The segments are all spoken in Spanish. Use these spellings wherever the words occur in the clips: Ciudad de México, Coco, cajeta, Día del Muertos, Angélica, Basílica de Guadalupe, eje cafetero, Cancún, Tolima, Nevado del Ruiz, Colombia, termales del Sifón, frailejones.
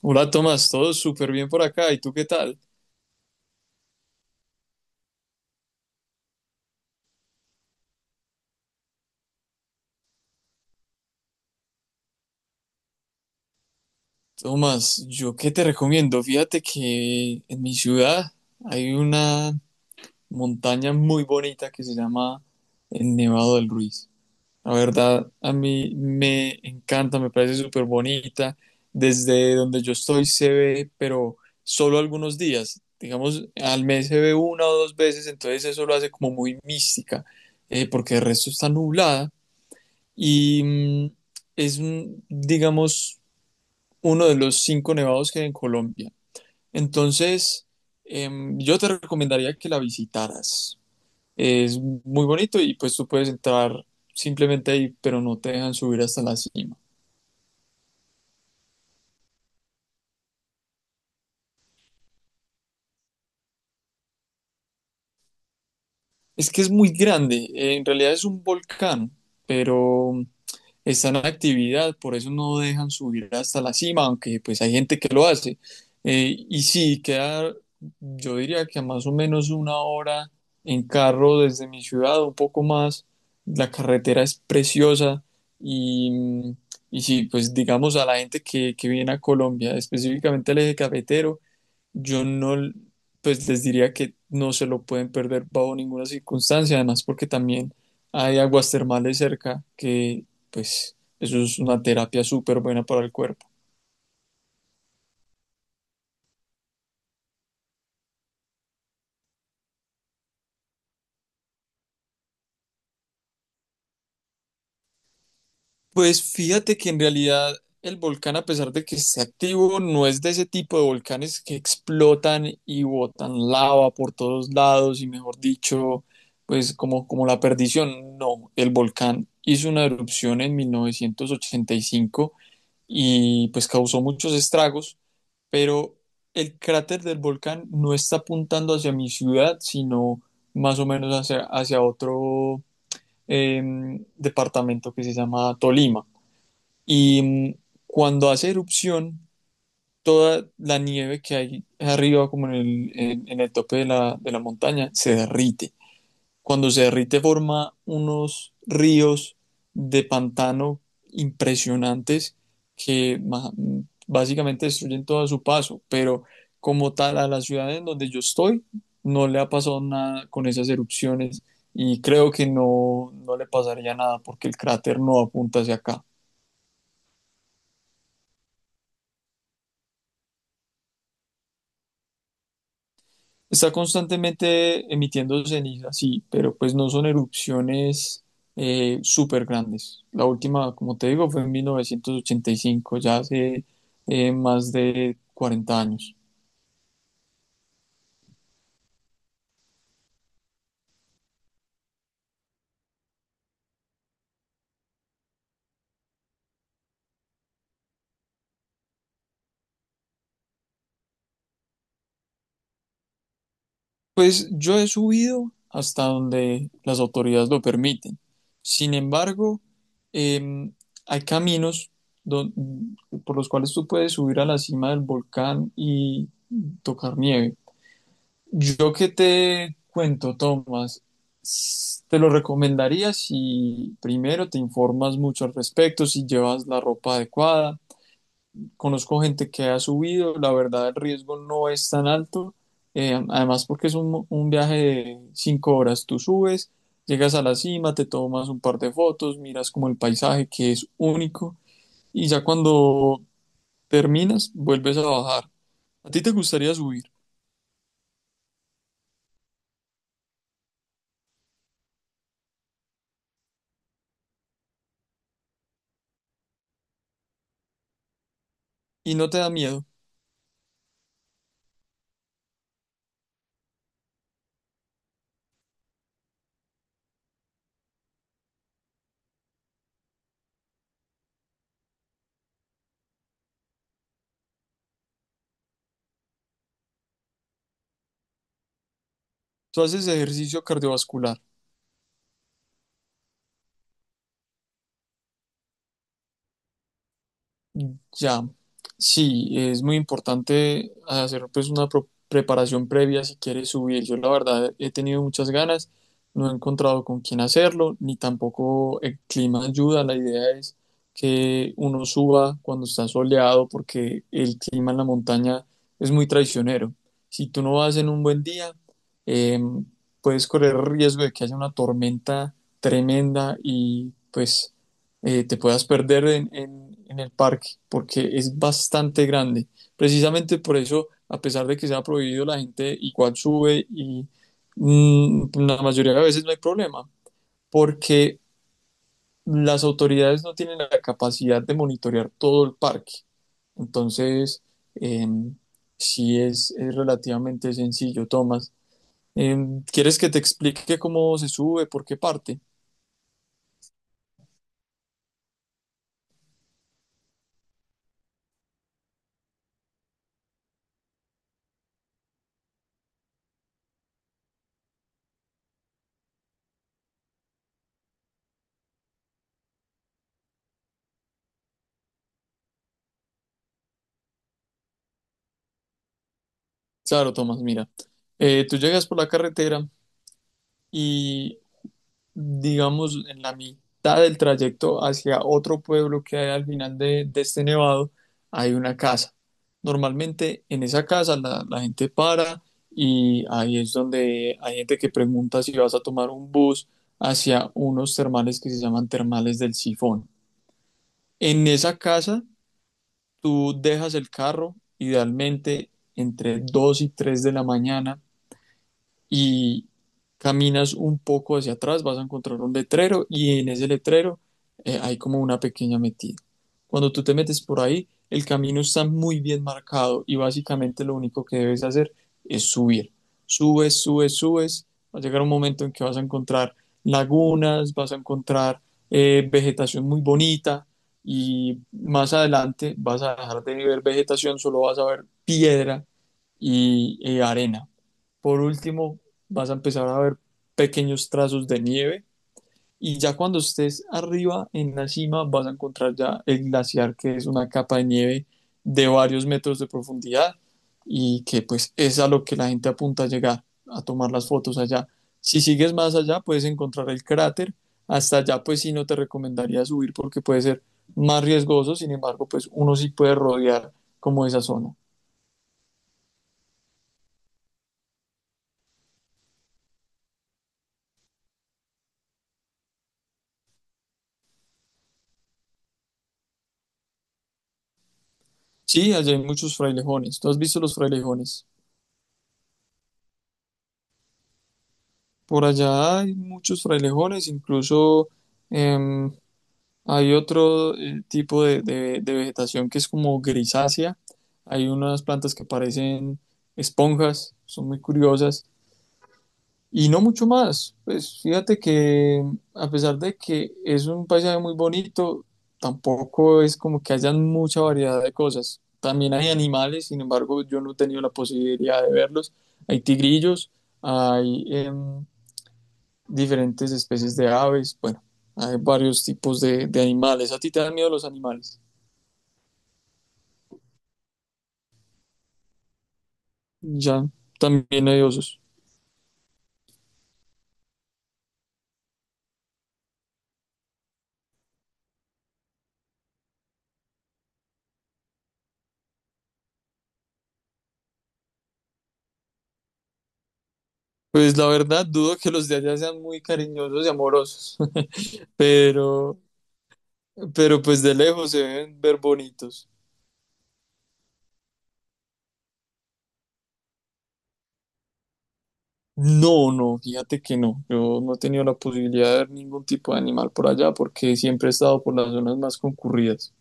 Hola Tomás, todo súper bien por acá. ¿Y tú qué tal? Tomás, ¿yo qué te recomiendo? Fíjate que en mi ciudad hay una montaña muy bonita que se llama el Nevado del Ruiz. La verdad, a mí me encanta, me parece súper bonita. Desde donde yo estoy se ve, pero solo algunos días. Digamos, al mes se ve una o dos veces, entonces eso lo hace como muy mística, porque el resto está nublada y digamos, uno de los 5 nevados que hay en Colombia. Entonces, yo te recomendaría que la visitaras. Es muy bonito y pues tú puedes entrar simplemente ahí, pero no te dejan subir hasta la cima. Es que es muy grande, en realidad es un volcán, pero están en actividad, por eso no dejan subir hasta la cima, aunque pues hay gente que lo hace. Y sí, queda, yo diría que a más o menos una hora en carro desde mi ciudad, un poco más. La carretera es preciosa y, y sí, pues digamos a la gente que viene a Colombia, específicamente al eje cafetero, yo no, pues les diría que no se lo pueden perder bajo ninguna circunstancia, además porque también hay aguas termales cerca, que pues eso es una terapia súper buena para el cuerpo. Pues fíjate que en realidad el volcán, a pesar de que esté activo, no es de ese tipo de volcanes que explotan y botan lava por todos lados y mejor dicho, pues como la perdición. No, el volcán hizo una erupción en 1985 y pues causó muchos estragos, pero el cráter del volcán no está apuntando hacia mi ciudad, sino más o menos hacia otro departamento que se llama Tolima. Y cuando hace erupción, toda la nieve que hay arriba, como en en el tope de la montaña, se derrite. Cuando se derrite forma unos ríos de pantano impresionantes que ma- básicamente destruyen todo a su paso, pero como tal a la ciudad en donde yo estoy no le ha pasado nada con esas erupciones y creo que no, no le pasaría nada porque el cráter no apunta hacia acá. Está constantemente emitiendo ceniza, sí, pero pues no son erupciones súper grandes. La última, como te digo, fue en 1985, ya hace más de 40 años. Pues yo he subido hasta donde las autoridades lo permiten. Sin embargo, eh, hay caminos don- por los cuales tú puedes subir a la cima del volcán y tocar nieve. Yo que te cuento, Tomás, te lo recomendaría si primero te informas mucho al respecto, si llevas la ropa adecuada. Conozco gente que ha subido, la verdad el riesgo no es tan alto, además porque es un viaje de 5 horas, tú subes, llegas a la cima, te tomas un par de fotos, miras como el paisaje que es único y ya cuando terminas vuelves a bajar. ¿A ti te gustaría subir y no te da miedo? Tú haces ejercicio cardiovascular. Ya, sí, es muy importante hacer pues una preparación previa si quieres subir. Yo la verdad he tenido muchas ganas, no he encontrado con quién hacerlo, ni tampoco el clima ayuda. La idea es que uno suba cuando está soleado porque el clima en la montaña es muy traicionero. Si tú no vas en un buen día, eh, puedes correr el riesgo de que haya una tormenta tremenda y pues te puedas perder en el parque, porque es bastante grande. Precisamente por eso, a pesar de que se ha prohibido, la gente igual sube y la mayoría de veces no hay problema, porque las autoridades no tienen la capacidad de monitorear todo el parque. Entonces, eh, sí es relativamente sencillo, Tomás. Eh, ¿Quieres que te explique cómo se sube, por qué parte? Claro, Tomás, mira, tú llegas por la carretera y digamos, en la mitad del trayecto hacia otro pueblo que hay al final de este nevado, hay una casa. Normalmente en esa casa la gente para y ahí es donde hay gente que pregunta si vas a tomar un bus hacia unos termales que se llaman termales del Sifón. En esa casa tú dejas el carro, idealmente entre 2 y 3 de la mañana, y caminas un poco hacia atrás, vas a encontrar un letrero y en ese letrero hay como una pequeña metida. Cuando tú te metes por ahí, el camino está muy bien marcado y básicamente lo único que debes hacer es subir. Subes, subes, subes. Va a llegar un momento en que vas a encontrar lagunas, vas a encontrar vegetación muy bonita y más adelante vas a dejar de ver vegetación, solo vas a ver piedra y arena. Por último, vas a empezar a ver pequeños trazos de nieve y ya cuando estés arriba en la cima vas a encontrar ya el glaciar que es una capa de nieve de varios metros de profundidad y que pues es a lo que la gente apunta a llegar, a tomar las fotos allá. Si sigues más allá puedes encontrar el cráter, hasta allá pues sí no te recomendaría subir porque puede ser más riesgoso, sin embargo pues uno sí puede rodear como esa zona. Sí, allá hay muchos frailejones. ¿Tú has visto los frailejones? Por allá hay muchos frailejones, incluso em, hay otro tipo de, de vegetación que es como grisácea. Hay unas plantas que parecen esponjas, son muy curiosas. Y no mucho más. Pues fíjate que a pesar de que es un paisaje muy bonito, tampoco es como que haya mucha variedad de cosas. También hay animales, sin embargo, yo no he tenido la posibilidad de verlos. Hay tigrillos, hay... diferentes especies de aves, bueno, hay varios tipos de animales. ¿A ti te dan miedo los animales? Ya, también hay osos. Pues la verdad, dudo que los de allá sean muy cariñosos y amorosos, pero, pero pues de lejos se deben ver bonitos. No, no, fíjate que no. Yo no he tenido la posibilidad de ver ningún tipo de animal por allá porque siempre he estado por las zonas más concurridas.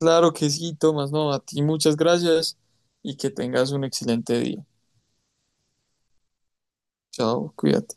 Claro que sí, Tomás, no, a ti muchas gracias y que tengas un excelente día. Chao, cuídate.